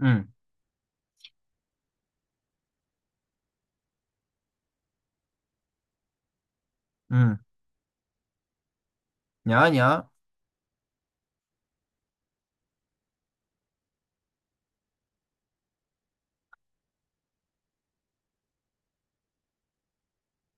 Ừ, ừ. Nhớ nhớ.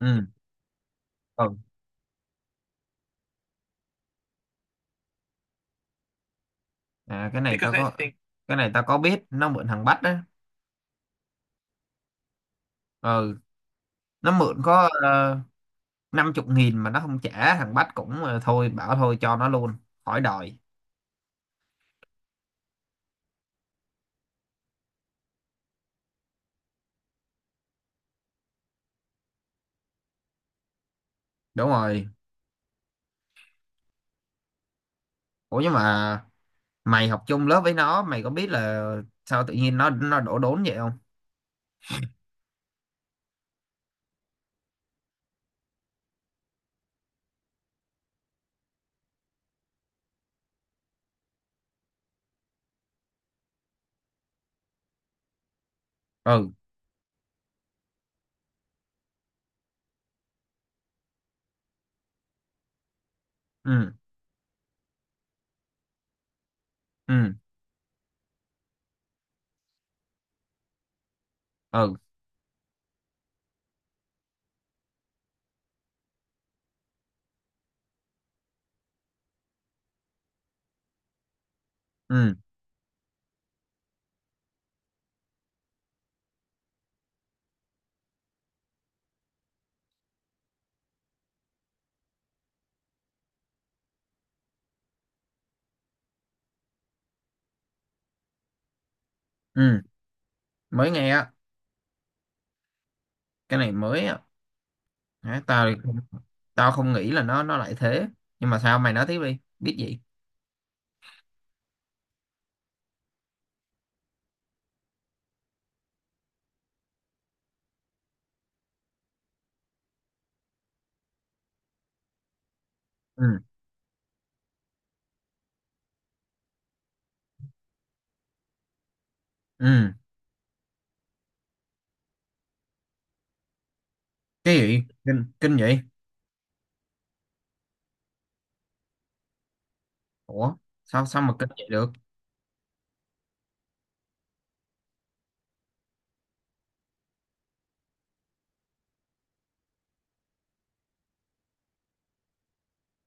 Ừ, ừ. À, cái này tao because I có think cái này tao có biết nó mượn thằng Bách á. Ừ, nó mượn có 50.000 mà nó không trả, thằng Bách cũng thôi, bảo thôi cho nó luôn, khỏi đòi. Đúng rồi. Ủa, nhưng mà mày học chung lớp với nó, mày có biết là sao tự nhiên nó đổ đốn vậy không? Ừ. Ừ. Ừ. Ừ. Ừ. Ừ. Mới nghe á. Cái này mới á. Hả, tao tao không nghĩ là nó lại thế. Nhưng mà sao mày nói tiếp đi, biết gì? Ừ. Ừ. Cái gì kinh kinh vậy? Ủa, sao sao mà kinh vậy được?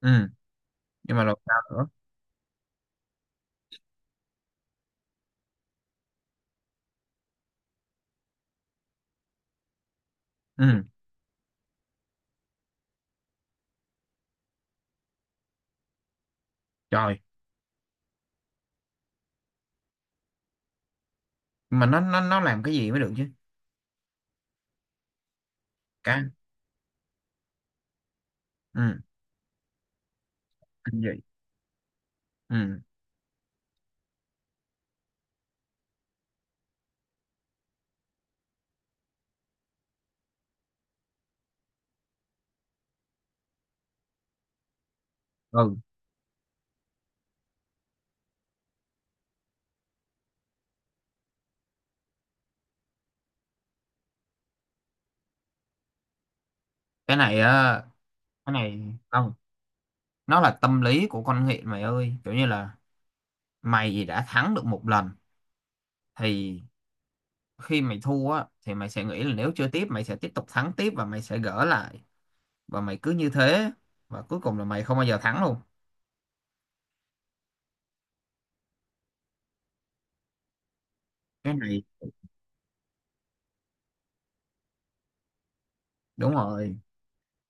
Ừ. Nhưng mà rồi sao nữa? Ừ. Trời. Nhưng mà nó làm cái gì mới được chứ? Cả. Ừ. Kinh dị. Ừ. Ừ. Cái này á. Cái này không. Nó là tâm lý của con nghiện mày ơi, kiểu như là mày đã thắng được một lần thì khi mày thua á thì mày sẽ nghĩ là nếu chưa tiếp mày sẽ tiếp tục thắng tiếp và mày sẽ gỡ lại. Và mày cứ như thế, và cuối cùng là mày không bao giờ thắng luôn. Cái này đúng rồi.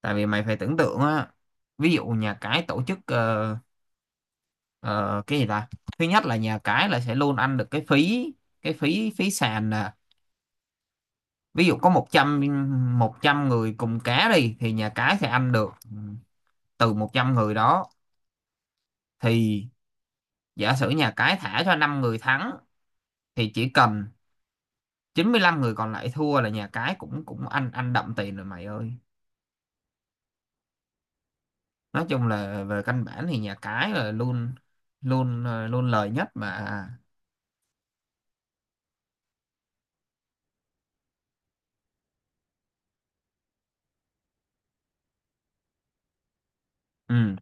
Tại vì mày phải tưởng tượng á, ví dụ nhà cái tổ chức ờ, cái gì ta? Thứ nhất là nhà cái là sẽ luôn ăn được cái phí phí sàn nè. Ví dụ có một trăm người cùng cá đi thì nhà cái sẽ ăn được từ 100 người đó. Thì giả sử nhà cái thả cho 5 người thắng thì chỉ cần 95 người còn lại thua là nhà cái cũng cũng ăn ăn đậm tiền rồi mày ơi. Nói chung là về căn bản thì nhà cái là luôn luôn, luôn lời nhất mà. À, ừ,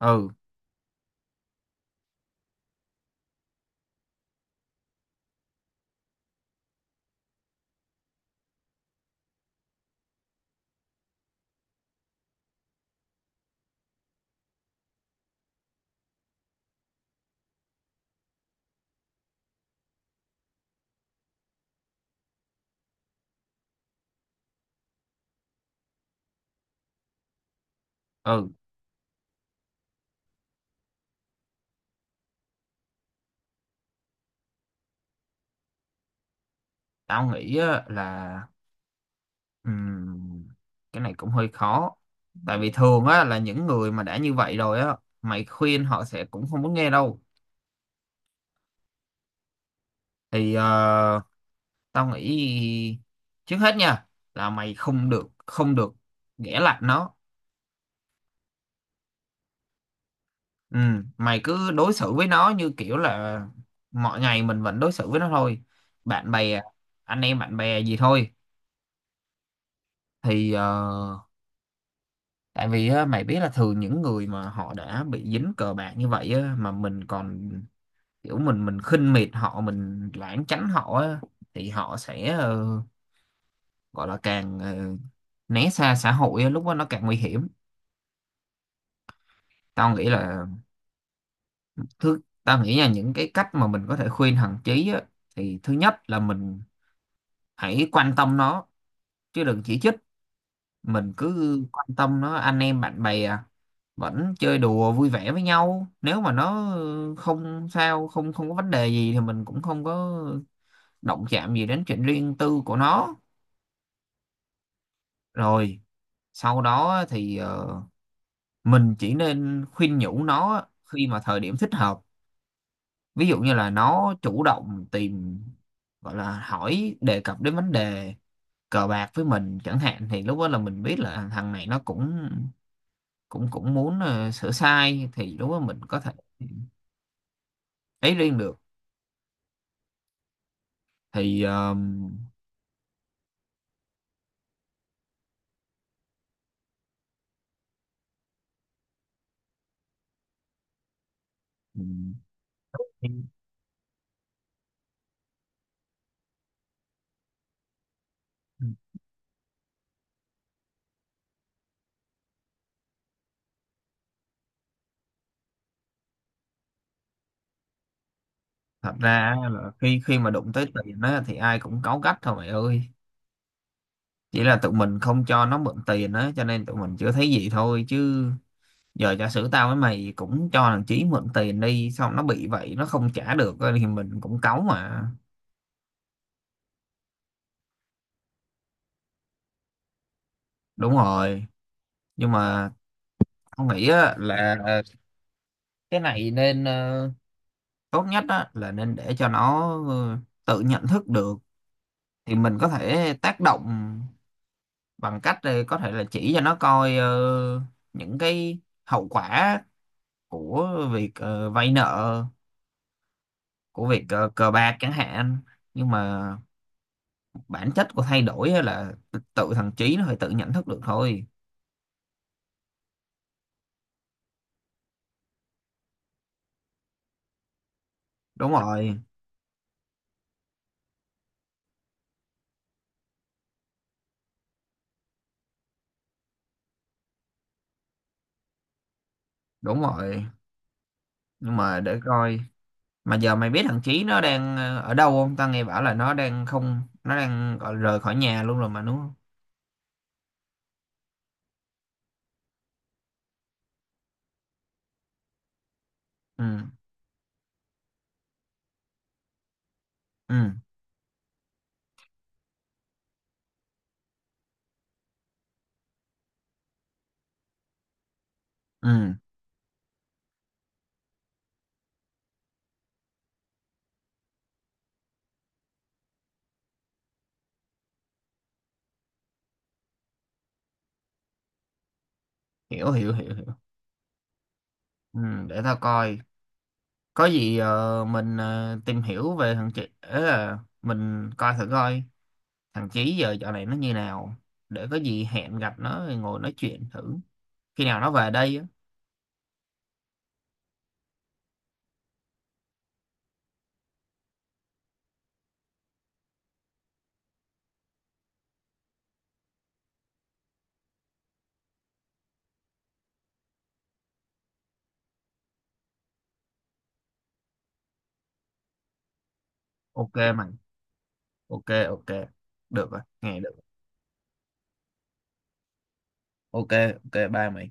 ừ, ừ. Tao nghĩ á, là ừm, cái này cũng hơi khó. Tại vì thường á là những người mà đã như vậy rồi á, mày khuyên họ sẽ cũng không muốn nghe đâu. Thì tao nghĩ trước hết nha là mày không được ghẻ lạnh nó. Ừ, mày cứ đối xử với nó như kiểu là mọi ngày mình vẫn đối xử với nó thôi, bạn bè, anh em bạn bè gì thôi. Thì tại vì á, mày biết là thường những người mà họ đã bị dính cờ bạc như vậy á, mà mình còn kiểu mình khinh miệt họ, mình lảng tránh họ á, thì họ sẽ gọi là càng né xa xã hội á, lúc đó nó càng nguy hiểm. Tao nghĩ là, tao nghĩ là những cái cách mà mình có thể khuyên thằng Chí á, thì thứ nhất là mình hãy quan tâm nó chứ đừng chỉ trích. Mình cứ quan tâm nó, anh em bạn bè à, vẫn chơi đùa vui vẻ với nhau, nếu mà nó không sao, không không có vấn đề gì thì mình cũng không có động chạm gì đến chuyện riêng tư của nó. Rồi sau đó thì mình chỉ nên khuyên nhủ nó khi mà thời điểm thích hợp. Ví dụ như là nó chủ động tìm, gọi là hỏi đề cập đến vấn đề cờ bạc với mình chẳng hạn, thì lúc đó là mình biết là thằng này nó cũng cũng cũng muốn sửa sai, thì lúc đó mình có thể ấy riêng được. Thì thật ra á là khi khi mà đụng tới tiền á thì ai cũng cáu gắt thôi mày ơi. Chỉ là tụi mình không cho nó mượn tiền á cho nên tụi mình chưa thấy gì thôi, chứ giờ giả sử tao với mày cũng cho thằng Chí mượn tiền đi, xong nó bị vậy, nó không trả được á, thì mình cũng cáu mà. Đúng rồi. Nhưng mà tao nghĩ á là cái này nên tốt nhất á là nên để cho nó tự nhận thức được, thì mình có thể tác động bằng cách có thể là chỉ cho nó coi những cái hậu quả của việc vay nợ, của việc cờ bạc chẳng hạn. Nhưng mà bản chất của thay đổi á là tự thằng Trí nó phải tự nhận thức được thôi. Đúng rồi. Đúng rồi. Nhưng mà để coi, mà giờ mày biết thằng Trí nó đang ở đâu không? Tao nghe bảo là nó đang, không, nó đang gọi rời khỏi nhà luôn rồi mà đúng không? Ừ. Ừ. Ừ. Hiểu, hiểu, hiểu, hiểu. Ừ, để tao coi có gì mình tìm hiểu về thằng Chí ấy, là mình coi thử coi thằng Chí giờ dạo này nó như nào, để có gì hẹn gặp nó rồi ngồi nói chuyện thử khi nào nó về đây á. Ok mày. Ok, ok. Được rồi, nghe được. Ok, ok ba mày.